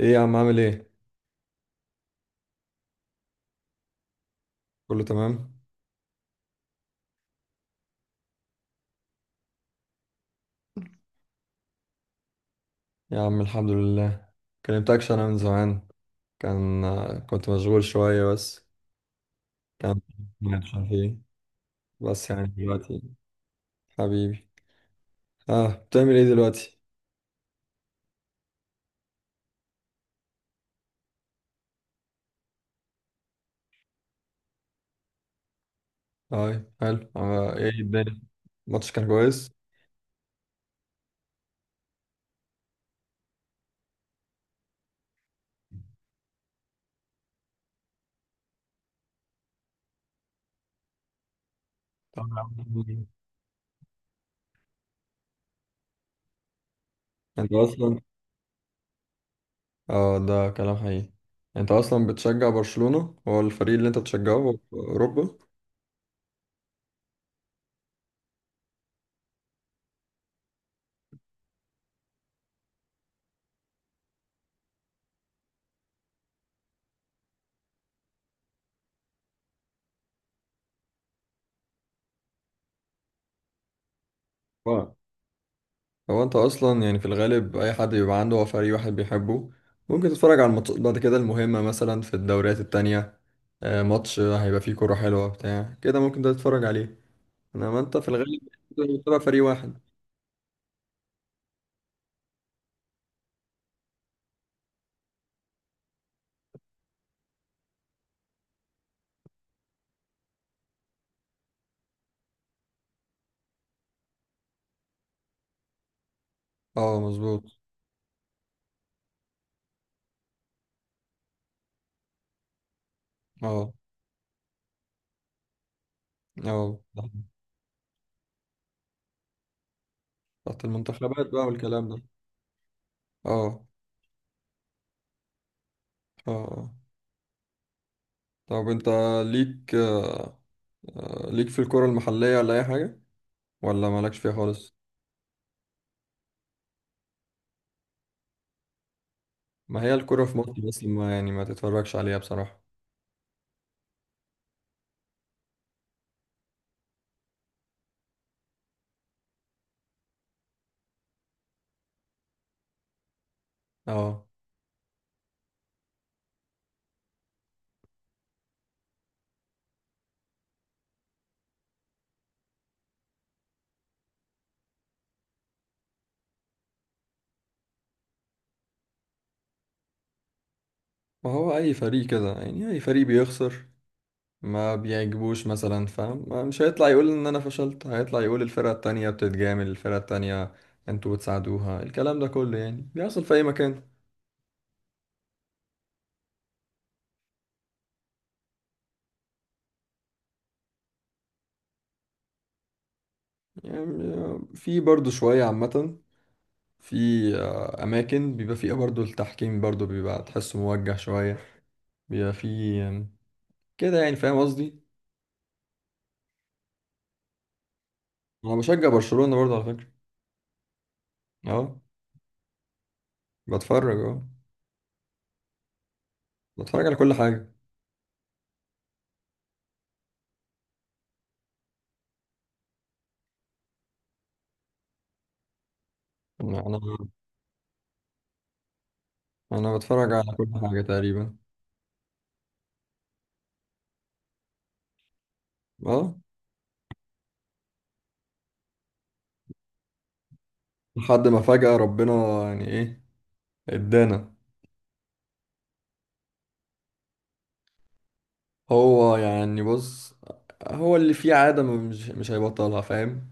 ايه يا عم؟ عامل ايه؟ كله تمام. يا عم الحمد لله، كلمتكش انا من زمان. كان كنت مشغول شوية بس. كان مش عارف ايه، بس يعني دلوقتي حبيبي، اه بتعمل ايه دلوقتي؟ اه حلو، ايه الدنيا؟ الماتش كان كويس. انت اصلا اه ده كلام حقيقي. انت اصلا بتشجع برشلونة، هو الفريق اللي انت بتشجعه في اوروبا؟ هو انت اصلا يعني في الغالب اي حد بيبقى عنده هو فريق واحد بيحبه، ممكن تتفرج على الماتشات بعد كده المهمة مثلا في الدوريات التانية. ماتش هيبقى فيه كرة حلوة بتاع كده ممكن ده تتفرج عليه، انما انت في الغالب بتبقى فريق واحد. اه مظبوط. اه اه. تحت المنتخبات بقى والكلام ده. اه. اه اه. طب انت ليك، ليك في الكرة المحلية ولا اي حاجة؟ ولا مالكش فيها خالص؟ ما هي الكرة في مصر بس ما يعني ما تتفرجش عليها بصراحة. اه. ما هو اي فريق كده يعني، اي فريق بيخسر ما بيعجبوش مثلا، فاهم؟ مش هيطلع يقول ان انا فشلت، هيطلع يقول الفرقة التانية بتتجامل الفرقة التانية، انتوا بتساعدوها، الكلام ده كله يعني بيحصل في اي مكان. يعني في برضو شوية عامة، في اماكن بيبقى فيها برضو التحكيم برضو بيبقى تحسه موجه شوية، بيبقى فيه كده يعني، فاهم قصدي؟ انا بشجع برشلونة برضو على فكرة. اه بتفرج، اه بتفرج على كل حاجة. يعني انا بتفرج على كل حاجة تقريبا. اه لحد ما فجأة ربنا يعني ايه، ادانا. هو يعني بص، هو اللي فيه عادة مش هيبطلها، فاهم؟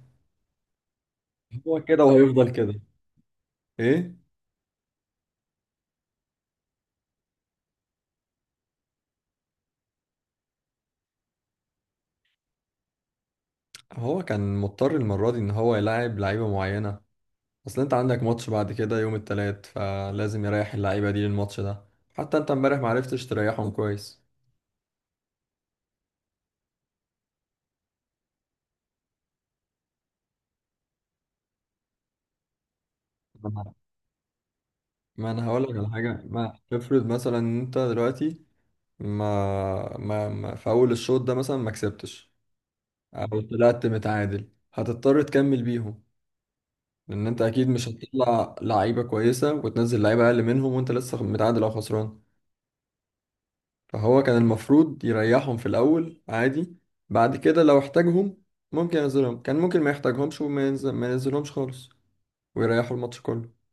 هو كده وهيفضل كده. ايه. هو كان مضطر المرة دي ان هو يلعب لعيبة معينة، اصل انت عندك ماتش بعد كده يوم التلات فلازم يريح اللعيبة دي للماتش ده. حتى انت امبارح معرفتش تريحهم كويس. ما انا ما أنا هقولك على حاجة، ما افرض مثلا إن انت دلوقتي ما في اول الشوط ده مثلا ما كسبتش، او طلعت متعادل، هتضطر تكمل بيهم، لان انت اكيد مش هتطلع لعيبه كويسه وتنزل لعيبه اقل منهم وانت لسه متعادل او خسران. فهو كان المفروض يريحهم في الاول عادي، بعد كده لو احتاجهم ممكن ينزلهم، كان ممكن ما يحتاجهمش وما ينزل ما ينزلهمش خالص، ويريحوا الماتش كله.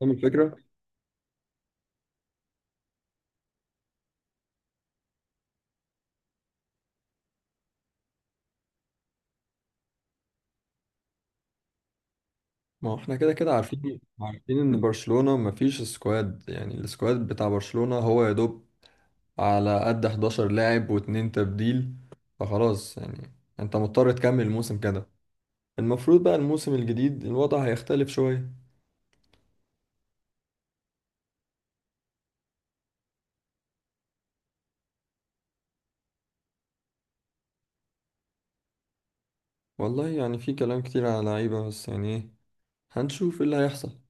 فاهم الفكره؟ ما هو احنا كده عارفين ان برشلونه ما فيش سكواد، يعني السكواد بتاع برشلونه هو يا دوب على قد 11 لاعب واتنين تبديل، فخلاص يعني، انت مضطر تكمل الموسم كده. المفروض بقى الموسم الجديد الوضع هيختلف شوية. والله يعني في كلام كتير على لعيبة، بس يعني ايه، هنشوف ايه اللي هيحصل.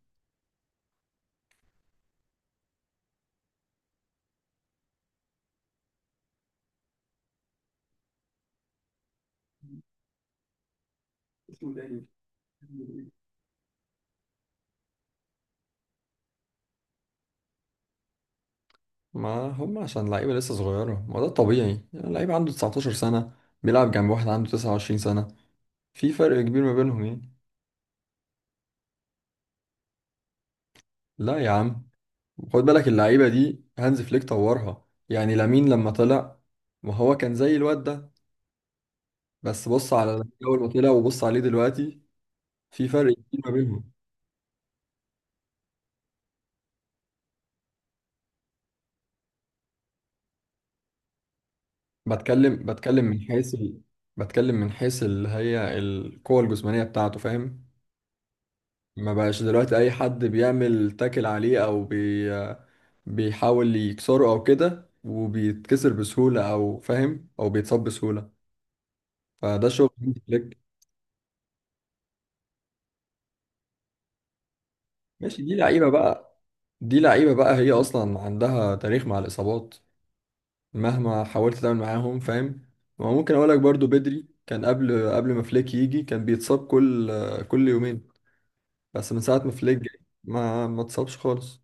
ما هم عشان لعيبة لسه صغيرة، ما ده طبيعي، يعني لعيب عنده 19 سنة بيلعب جنب واحد عنده 29 سنة، في فرق كبير ما بينهم يعني. لا يا عم، خد بالك اللعيبة دي هانز فليك طورها. يعني لامين لما طلع ما هو كان زي الواد ده، بس بص على الجو اللي طلع وبص عليه دلوقتي، في فرق كبير ما بينهم. بتكلم من حيث ال... بتكلم من حيث اللي هي القوة الجسمانية بتاعته، فاهم؟ ما بقاش دلوقتي أي حد بيعمل تاكل عليه أو بيحاول يكسره أو كده وبيتكسر بسهولة، أو فاهم، أو بيتصاب بسهولة. فده شغل هانز فليك. ماشي، دي لعيبة بقى، دي لعيبة بقى هي أصلا عندها تاريخ مع الإصابات، مهما حاولت تعمل معاهم، فاهم؟ وممكن اقول لك برضو بدري كان قبل ما فليك يجي كان بيتصاب كل يومين، بس من ساعة ما فليك جه ما اتصابش خالص.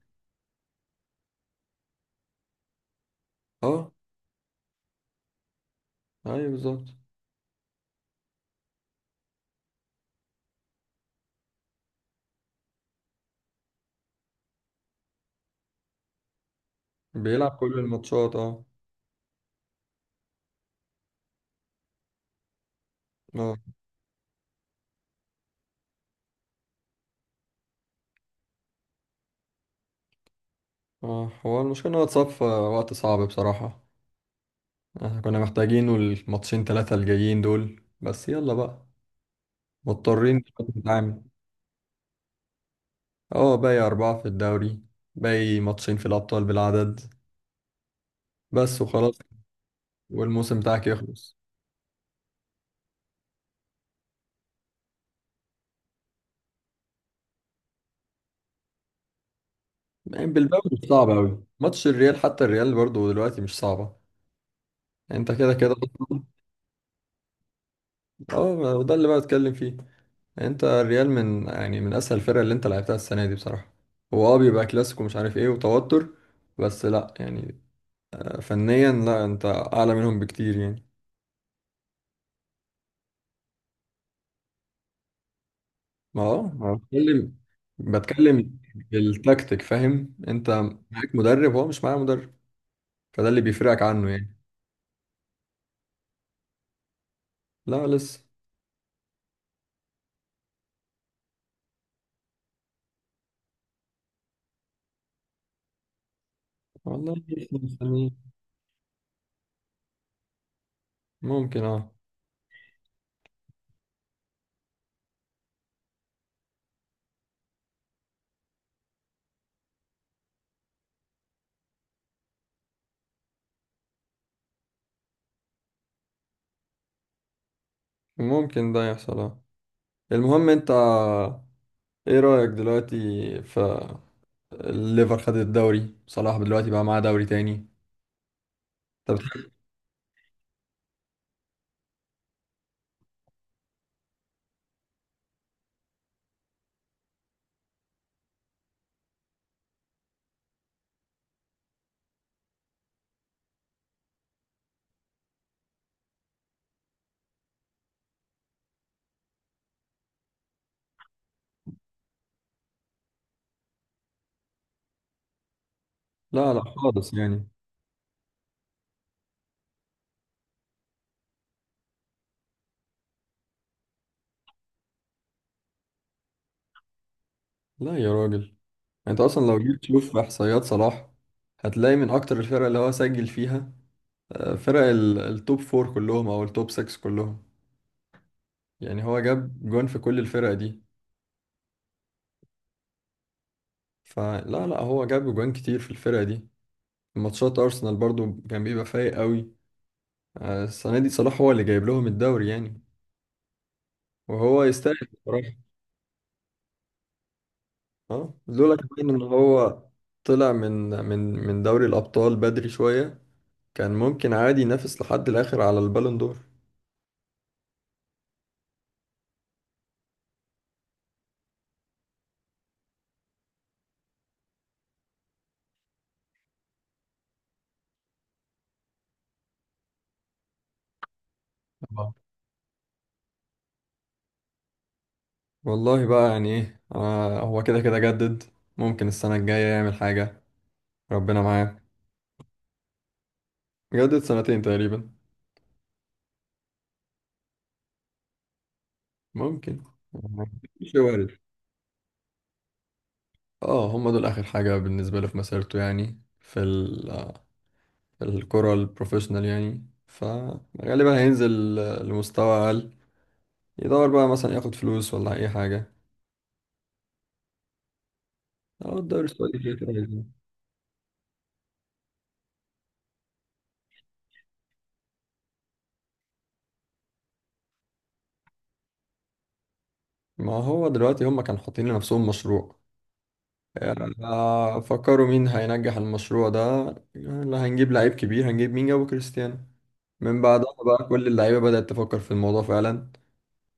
اه. ايوه بالظبط. بيلعب كل الماتشات اه. اه اه. هو المشكلة ان هو اتصاب في وقت صعب بصراحة، كنا محتاجينه الماتشين ثلاثة الجايين دول، بس يلا بقى، مضطرين دلوقتي نتعامل. اه باقي أربعة في الدوري، باقي ماتشين في الأبطال بالعدد بس وخلاص. والموسم بتاعك يخلص. يعني بالباو مش صعب قوي، ماتش الريال حتى الريال برضو دلوقتي مش صعبة. يعني انت كده كده. اه ده اللي بقى اتكلم فيه، يعني انت الريال من يعني من اسهل الفرق اللي انت لعبتها السنة دي بصراحة. هو اه بيبقى كلاسيكو مش عارف ايه وتوتر، بس لا يعني، فنيا لا انت اعلى منهم بكتير يعني. ما بتكلم، بتكلم بالتكتيك، فاهم انت؟ معاك مدرب هو مش معاه مدرب، فده اللي بيفرقك عنه يعني. لا لسه. والله لسه مستنيين. ممكن اه، ممكن ده يحصل اه. المهم انت ايه رأيك دلوقتي في الليفر؟ خد الدوري صلاح دلوقتي بقى معاه دوري تاني، انت بتحب؟ لا لا خالص يعني. لا يا راجل يعني، انت اصلا لو جيت تشوف في احصائيات صلاح هتلاقي من اكتر الفرق اللي هو سجل فيها فرق التوب فور كلهم او التوب 6 كلهم، يعني هو جاب جون في كل الفرق دي. فلا لا هو جاب جوان كتير في الفرق دي، ماتشات ارسنال برضو كان بيبقى فايق قوي. السنة دي صلاح هو اللي جايب لهم الدوري يعني، وهو يستاهل. اه لولا كمان ان هو طلع من من من دوري الابطال بدري شويه، كان ممكن عادي ينافس لحد الاخر على البالون دور. آه. والله بقى يعني ايه، آه هو كده كده جدد، ممكن السنه الجايه يعمل حاجه، ربنا معاه. جدد سنتين تقريبا. ممكن. مش وارد. اه هم دول اخر حاجه بالنسبه له في مسيرته، يعني في ال في الكره البروفيشنال، يعني فغالبا هينزل لمستوى اقل، يدور بقى مثلا ياخد فلوس ولا اي حاجه. هو الدوري السعودي فيه كده يعني. ما هو دلوقتي هم كانوا حاطين لنفسهم مشروع، فكروا مين هينجح المشروع ده، اللي هنجيب لعيب كبير، هنجيب مين، جابوا كريستيانو، من بعدها بقى كل اللعيبة بدأت تفكر في الموضوع فعلا.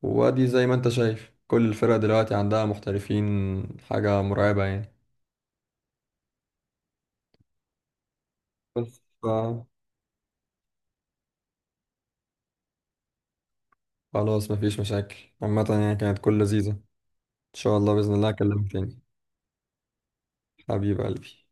وادي زي ما انت شايف كل الفرق دلوقتي عندها محترفين، حاجة مرعبة يعني. بس ف- خلاص مفيش مشاكل، عامة يعني كانت كل لذيذة، ان شاء الله بإذن الله اكلمك تاني. حبيب قلبي.